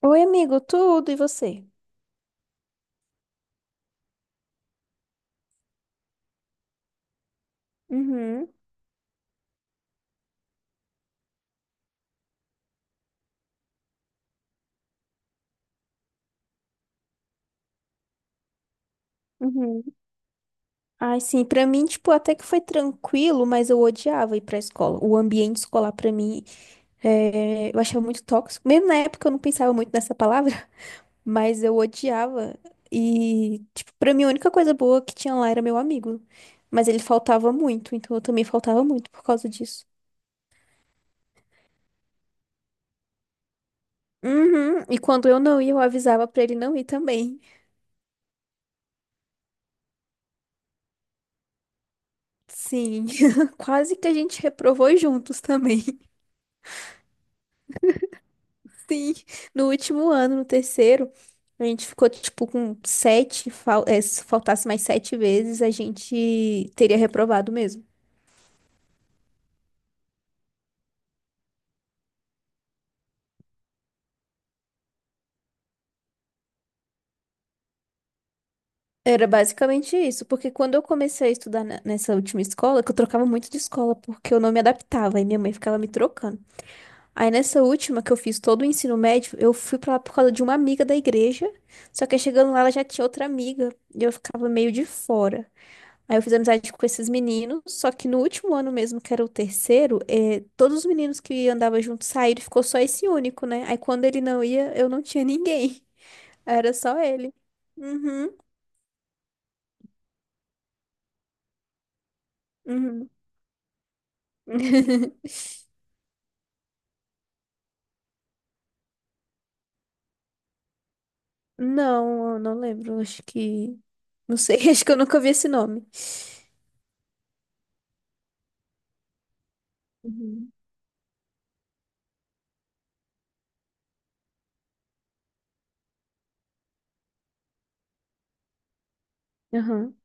Oi, amigo, tudo e você? Uhum, uhum. Ai, sim, pra mim, tipo, até que foi tranquilo, mas eu odiava ir pra escola. O ambiente escolar, pra mim, eu achava muito tóxico. Mesmo na época eu não pensava muito nessa palavra, mas eu odiava. E, tipo, pra mim a única coisa boa que tinha lá era meu amigo. Mas ele faltava muito, então eu também faltava muito por causa disso. Uhum, e quando eu não ia, eu avisava pra ele não ir também. Sim, quase que a gente reprovou juntos também. Sim, no último ano, no terceiro, a gente ficou tipo com sete, se faltasse mais sete vezes, a gente teria reprovado mesmo. Era basicamente isso, porque quando eu comecei a estudar nessa última escola, que eu trocava muito de escola, porque eu não me adaptava, e minha mãe ficava me trocando. Aí nessa última que eu fiz todo o ensino médio, eu fui pra lá por causa de uma amiga da igreja, só que aí chegando lá ela já tinha outra amiga, e eu ficava meio de fora. Aí eu fiz amizade com esses meninos, só que no último ano mesmo, que era o terceiro, todos os meninos que andava junto saíram, ficou só esse único, né? Aí quando ele não ia, eu não tinha ninguém. Era só ele. Uhum, uhum. Não, eu não lembro, acho que. Não sei, acho que eu nunca vi esse nome. Uhum. Aham.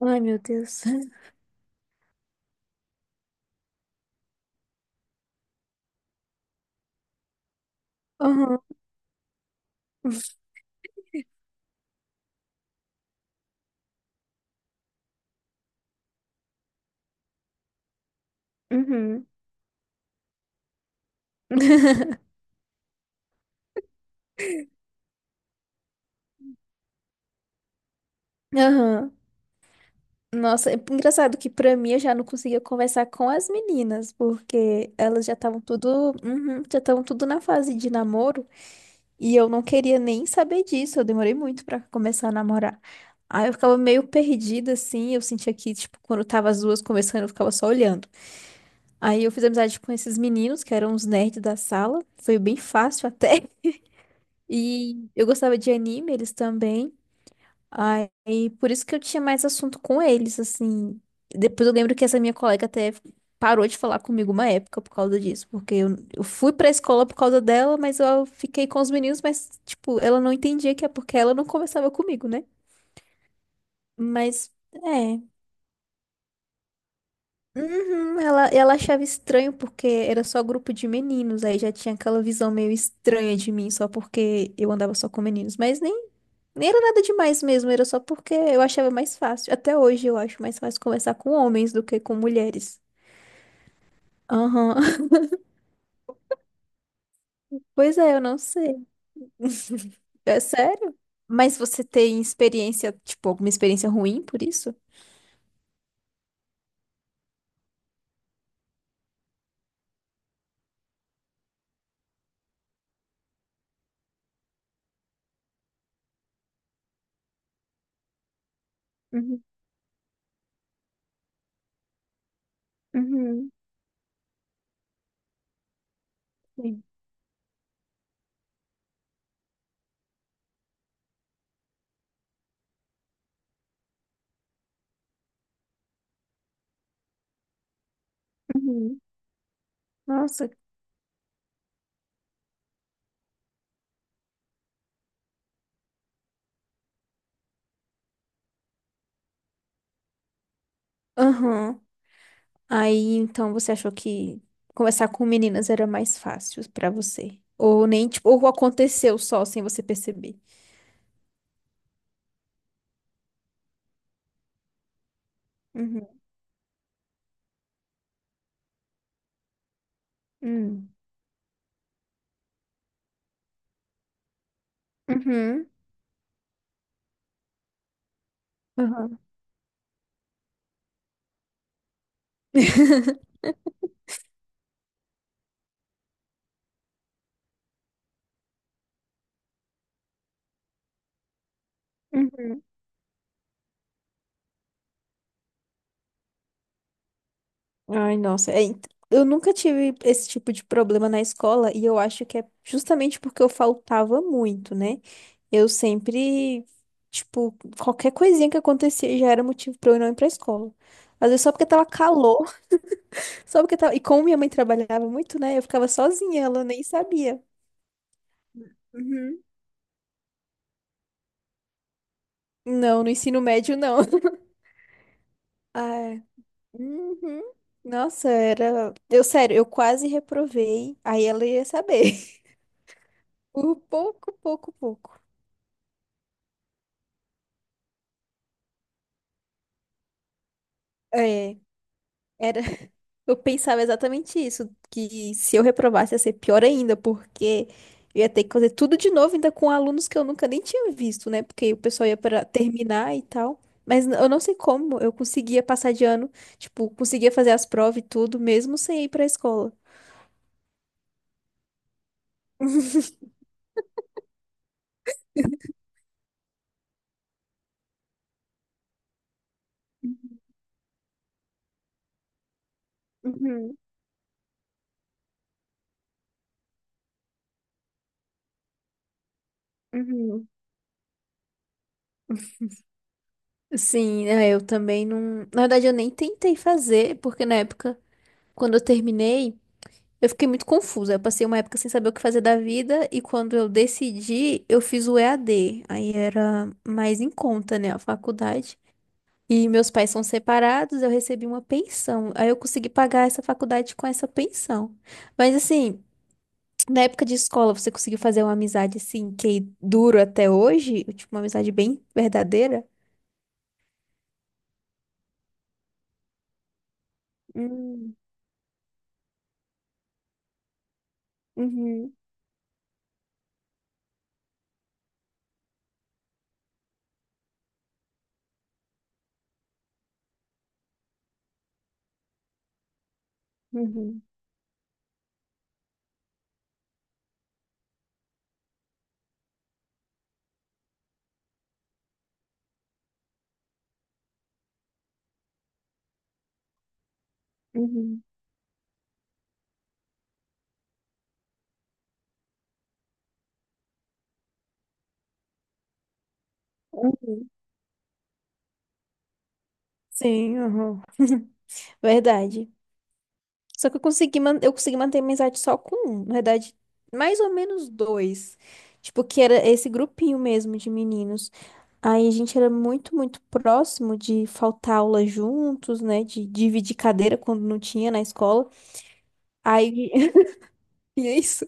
Ai, meu Deus. Aham. Uhum. Aham. Nossa, é engraçado que pra mim eu já não conseguia conversar com as meninas, porque elas já estavam tudo, uhum, já estavam tudo na fase de namoro e eu não queria nem saber disso. Eu demorei muito pra começar a namorar. Aí eu ficava meio perdida assim, eu sentia que tipo quando tava as duas conversando, eu ficava só olhando. Aí eu fiz amizade com esses meninos que eram os nerds da sala, foi bem fácil até. E eu gostava de anime, eles também. Aí, por isso que eu tinha mais assunto com eles, assim. Depois eu lembro que essa minha colega até parou de falar comigo uma época por causa disso, porque eu fui pra escola por causa dela, mas eu fiquei com os meninos, mas, tipo, ela não entendia que é porque ela não conversava comigo, né? Mas, é. Uhum, ela achava estranho porque era só grupo de meninos, aí já tinha aquela visão meio estranha de mim, só porque eu andava só com meninos, mas nem era nada demais mesmo, era só porque eu achava mais fácil. Até hoje eu acho mais fácil conversar com homens do que com mulheres. Aham. Pois é, eu não sei. É sério? Mas você tem experiência, tipo, alguma experiência ruim por isso? Uhum, uhum, sim. Uhum. Nossa. Aham. Aí, então, você achou que conversar com meninas era mais fácil pra você? Ou nem, tipo, ou aconteceu só sem você perceber? Uhum. Hum. Uhum. Aham. Uhum. Ai, nossa. É, eu nunca tive esse tipo de problema na escola e eu acho que é justamente porque eu faltava muito, né? Eu sempre, tipo, qualquer coisinha que acontecia já era motivo pra eu não ir pra escola. Às vezes só porque tava calor. Só porque tava... E como minha mãe trabalhava muito, né? Eu ficava sozinha, ela nem sabia. Uhum. Não, no ensino médio não. Ah, é. Uhum. Nossa, era. Eu, sério, eu quase reprovei. Aí ela ia saber. Por pouco, pouco, pouco. É, era. Eu pensava exatamente isso, que se eu reprovasse ia ser pior ainda, porque eu ia ter que fazer tudo de novo, ainda com alunos que eu nunca nem tinha visto, né? Porque o pessoal ia para terminar e tal. Mas eu não sei como, eu conseguia passar de ano, tipo, conseguia fazer as provas e tudo, mesmo sem ir pra escola. Uhum, uhum. Sim, é, eu também não. Na verdade, eu nem tentei fazer, porque na época, quando eu terminei. Eu fiquei muito confusa. Eu passei uma época sem saber o que fazer da vida e quando eu decidi, eu fiz o EAD. Aí era mais em conta, né, a faculdade. E meus pais são separados, eu recebi uma pensão. Aí eu consegui pagar essa faculdade com essa pensão. Mas assim, na época de escola, você conseguiu fazer uma amizade assim que dura até hoje? Tipo, uma amizade bem verdadeira? Hum, uhum, uhum, uhum, uhum. Sim, uhum. Verdade. Só que eu consegui manter a amizade só com um, na verdade, mais ou menos dois. Tipo, que era esse grupinho mesmo de meninos. Aí a gente era muito, muito próximo de faltar aula juntos, né? De dividir cadeira quando não tinha na escola. Aí, e é isso.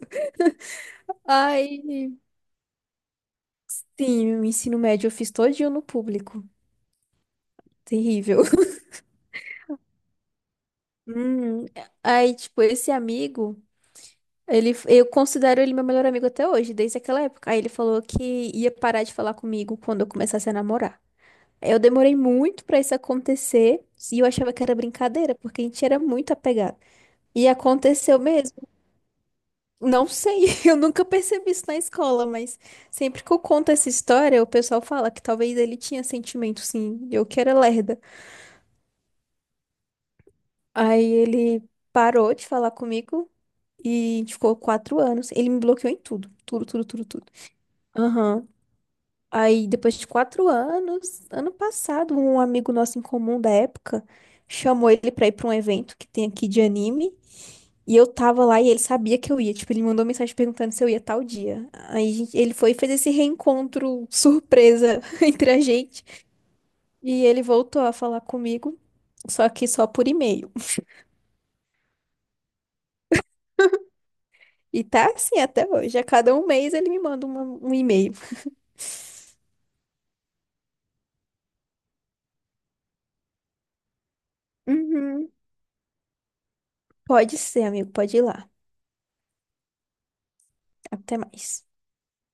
Aí, sim, o ensino médio eu fiz todinho no público. Terrível. Hum, aí, tipo, esse amigo. Ele, eu considero ele meu melhor amigo até hoje, desde aquela época. Aí ele falou que ia parar de falar comigo quando eu começasse a namorar. Eu demorei muito pra isso acontecer e eu achava que era brincadeira, porque a gente era muito apegado. E aconteceu mesmo. Não sei, eu nunca percebi isso na escola, mas sempre que eu conto essa história, o pessoal fala que talvez ele tinha sentimento, sim, eu que era lerda. Aí ele parou de falar comigo e a gente ficou 4 anos. Ele me bloqueou em tudo, tudo, tudo, tudo, tudo. Aham. Aí, depois de 4 anos, ano passado, um amigo nosso em comum da época chamou ele pra ir pra um evento que tem aqui de anime. E eu tava lá e ele sabia que eu ia. Tipo, ele mandou mensagem perguntando se eu ia tal dia. Aí ele foi e fez esse reencontro surpresa entre a gente. E ele voltou a falar comigo, só que só por e-mail. E tá assim até hoje. A cada um mês ele me manda um e-mail. Uhum. Pode ser, amigo, pode ir lá. Até mais.